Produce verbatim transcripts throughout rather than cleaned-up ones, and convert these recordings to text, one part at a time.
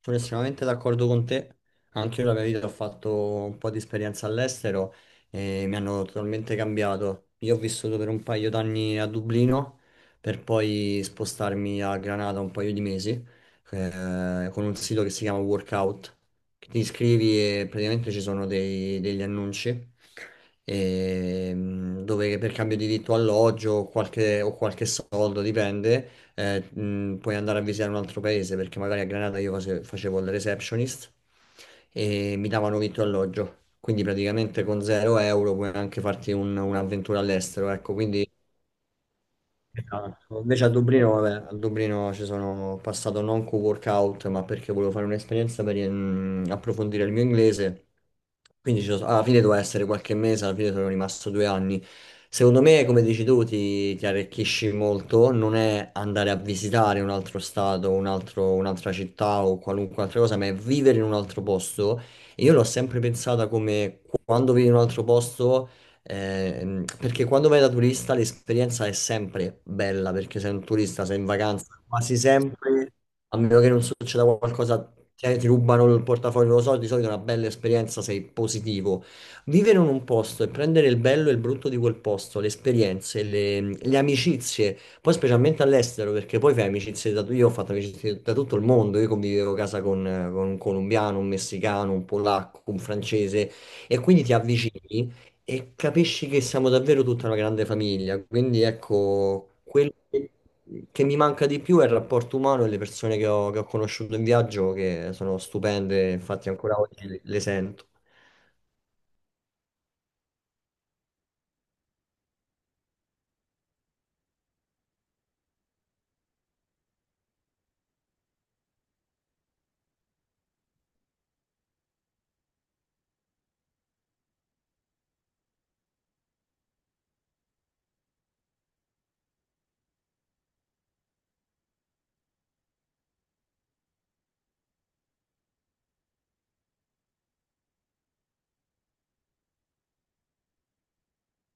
Sono estremamente d'accordo con te. Anche io la mia vita ho fatto un po' di esperienza all'estero e mi hanno totalmente cambiato. Io ho vissuto per un paio d'anni a Dublino per poi spostarmi a Granada un paio di mesi eh, con un sito che si chiama Workout, che ti iscrivi e praticamente ci sono dei- degli annunci ehm, dove per cambio di vitto alloggio o qualche, o qualche soldo, dipende, eh, mh, puoi andare a visitare un altro paese, perché magari a Granada io face- facevo il receptionist e mi davano vitto e alloggio. Quindi praticamente con zero euro puoi anche farti un- un'avventura all'estero, ecco, quindi. Esatto. Invece a Dublino, vabbè, a Dublino ci sono passato non co workout, ma perché volevo fare un'esperienza per mm, approfondire il mio inglese. Quindi ci sono- alla fine doveva essere qualche mese, alla fine sono rimasto due anni. Secondo me, come dici tu, ti, ti arricchisci molto. Non è andare a visitare un altro stato, un altro- un'altra città o qualunque altra cosa, ma è vivere in un altro posto. E io l'ho sempre pensata come quando vivi in un altro posto. Ehm, perché quando vai da turista l'esperienza è sempre bella, perché sei un turista, sei in vacanza, quasi sempre, a meno che non succeda qualcosa, ti, ti rubano il portafoglio, non lo so, di solito è una bella esperienza, sei positivo. Vivere in un posto e prendere il bello e il brutto di quel posto, le esperienze, le, le amicizie, poi specialmente all'estero, perché poi fai amicizie da... Io ho fatto amicizie da tutto il mondo, io convivevo a casa con, con un colombiano, un messicano, un polacco, un francese, e quindi ti avvicini. E capisci che siamo davvero tutta una grande famiglia, quindi ecco, quello che che mi manca di più è il rapporto umano e le persone che ho, che ho conosciuto in viaggio, che sono stupende, infatti ancora oggi le, le sento.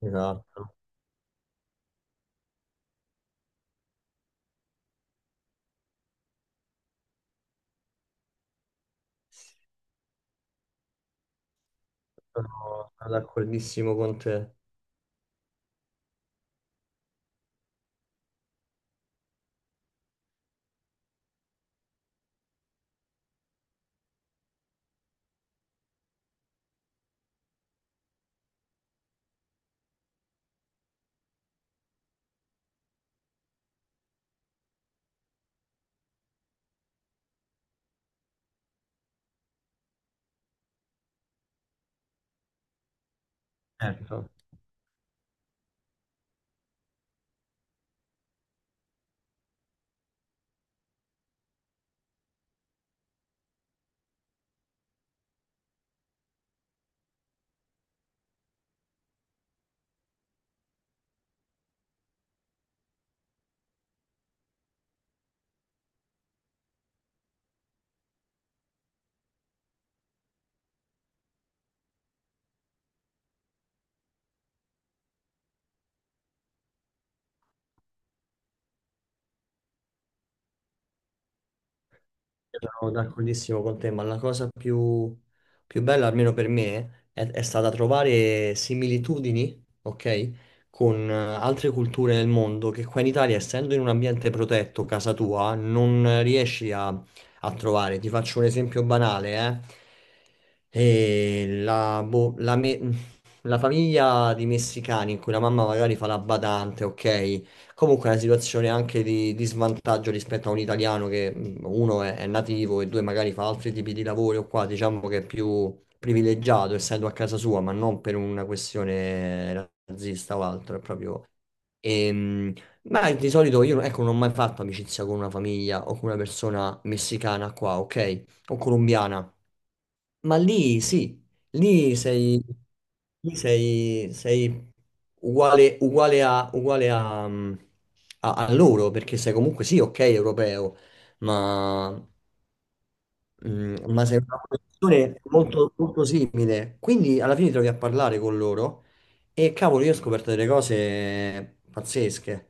Esatto, sono sono d'accordissimo con te. Ecco. Sono d'accordissimo con te, ma la cosa più, più bella, almeno per me, è, è stata trovare similitudini, ok, con eh, altre culture del mondo che qua in Italia, essendo in un ambiente protetto, casa tua, non riesci a, a trovare. Ti faccio un esempio banale, eh. E la, boh, la me- la famiglia di messicani in cui la mamma magari fa la badante, ok? Comunque è una situazione anche di, di svantaggio rispetto a un italiano che mh, uno è, è nativo e due magari fa altri tipi di lavori o qua diciamo che è più privilegiato essendo a casa sua, ma non per una questione razzista o altro, è proprio... Ehm, ma di solito io ecco, non ho mai fatto amicizia con una famiglia o con una persona messicana qua, ok? O colombiana. Ma lì sì, lì sei, lì sei, sei uguale, uguale a, uguale a, mm, a- a loro, perché sei comunque sì, ok, europeo, ma, mm, ma sei una posizione molto, molto simile. Quindi alla fine ti trovi a parlare con loro e cavolo, io ho scoperto delle cose pazzesche.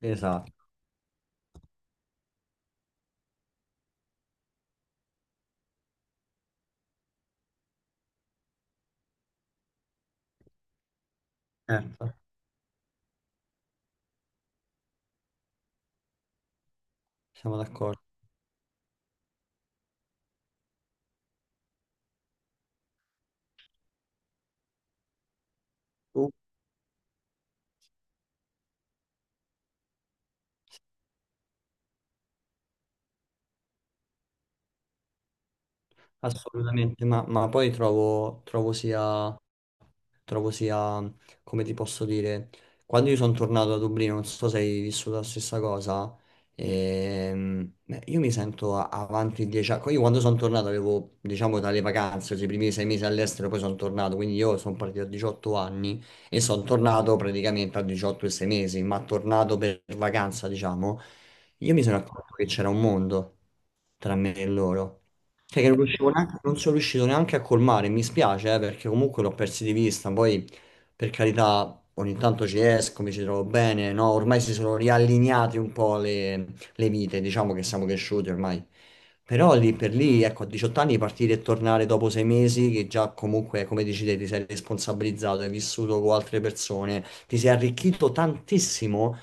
Esatto, certo, siamo d'accordo. Assolutamente, ma, ma poi trovo, trovo sia, trovo sia, come ti posso dire, quando io sono tornato a Dublino, non so se hai vissuto la stessa cosa, ehm, beh, io mi sento a- avanti dieci anni, io quando sono tornato avevo, diciamo, dalle vacanze, cioè i primi sei mesi all'estero, poi sono tornato, quindi io sono partito a diciotto anni e sono tornato praticamente a diciotto e sei mesi, ma tornato per vacanza, diciamo, io mi sono accorto che c'era un mondo tra me e loro. Cioè che non riuscivo neanche- non sono riuscito neanche a colmare, mi spiace, eh, perché comunque l'ho persi di vista, poi per carità ogni tanto ci esco, mi ci trovo bene, no? Ormai si sono riallineate un po' le, le vite, diciamo che siamo cresciuti ormai. Però lì per lì, ecco, a diciotto anni partire e tornare dopo sei mesi, che già comunque, come dici te, ti sei responsabilizzato, hai vissuto con altre persone, ti sei arricchito tantissimo.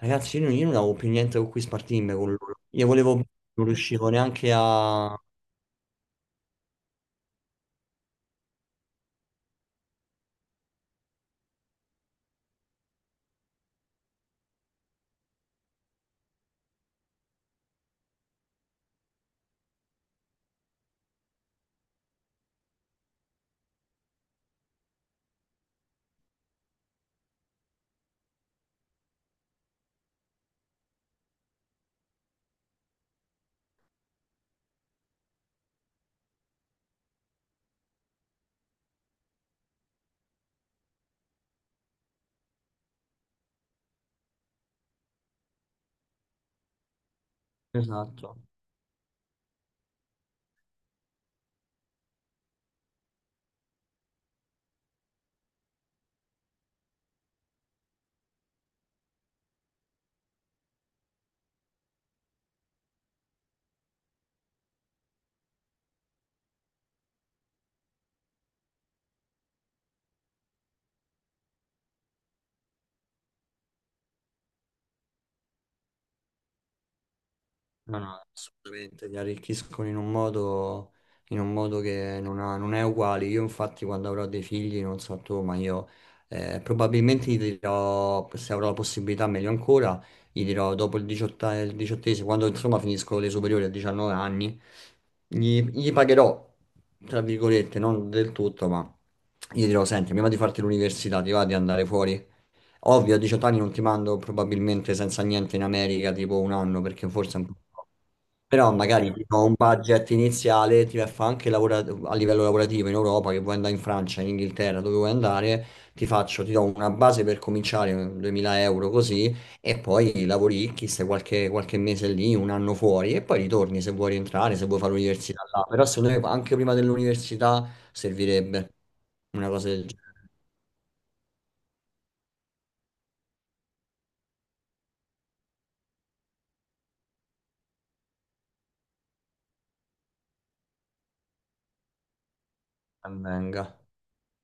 Ragazzi, io non, io non avevo più niente con cui spartirmi con loro. Io volevo, non riuscivo neanche a... Esatto, no, no, assolutamente, li arricchiscono in un modo, in un modo che non ha- non è uguale. Io infatti quando avrò dei figli, non so tu, ma io eh, probabilmente gli dirò, se avrò la possibilità, meglio ancora, gli dirò dopo il diciotto, il diciottesimo, quando insomma finisco le superiori a diciannove anni, gli, gli pagherò, tra virgolette, non del tutto, ma gli dirò, senti, prima di farti l'università, ti va di andare fuori? Ovvio, a diciotto anni non ti mando probabilmente senza niente in America, tipo un anno, perché forse è un po'. Però magari ti do un budget iniziale, ti fa anche lavora- a livello lavorativo in Europa, che vuoi andare in Francia, in Inghilterra, dove vuoi andare, ti faccio, ti do una base per cominciare, duemila euro così, e poi lavoricchi, stai qualche, qualche mese lì, un anno fuori, e poi ritorni se vuoi rientrare, se vuoi fare l'università là. Però secondo me anche prima dell'università servirebbe una cosa del genere, ben venga.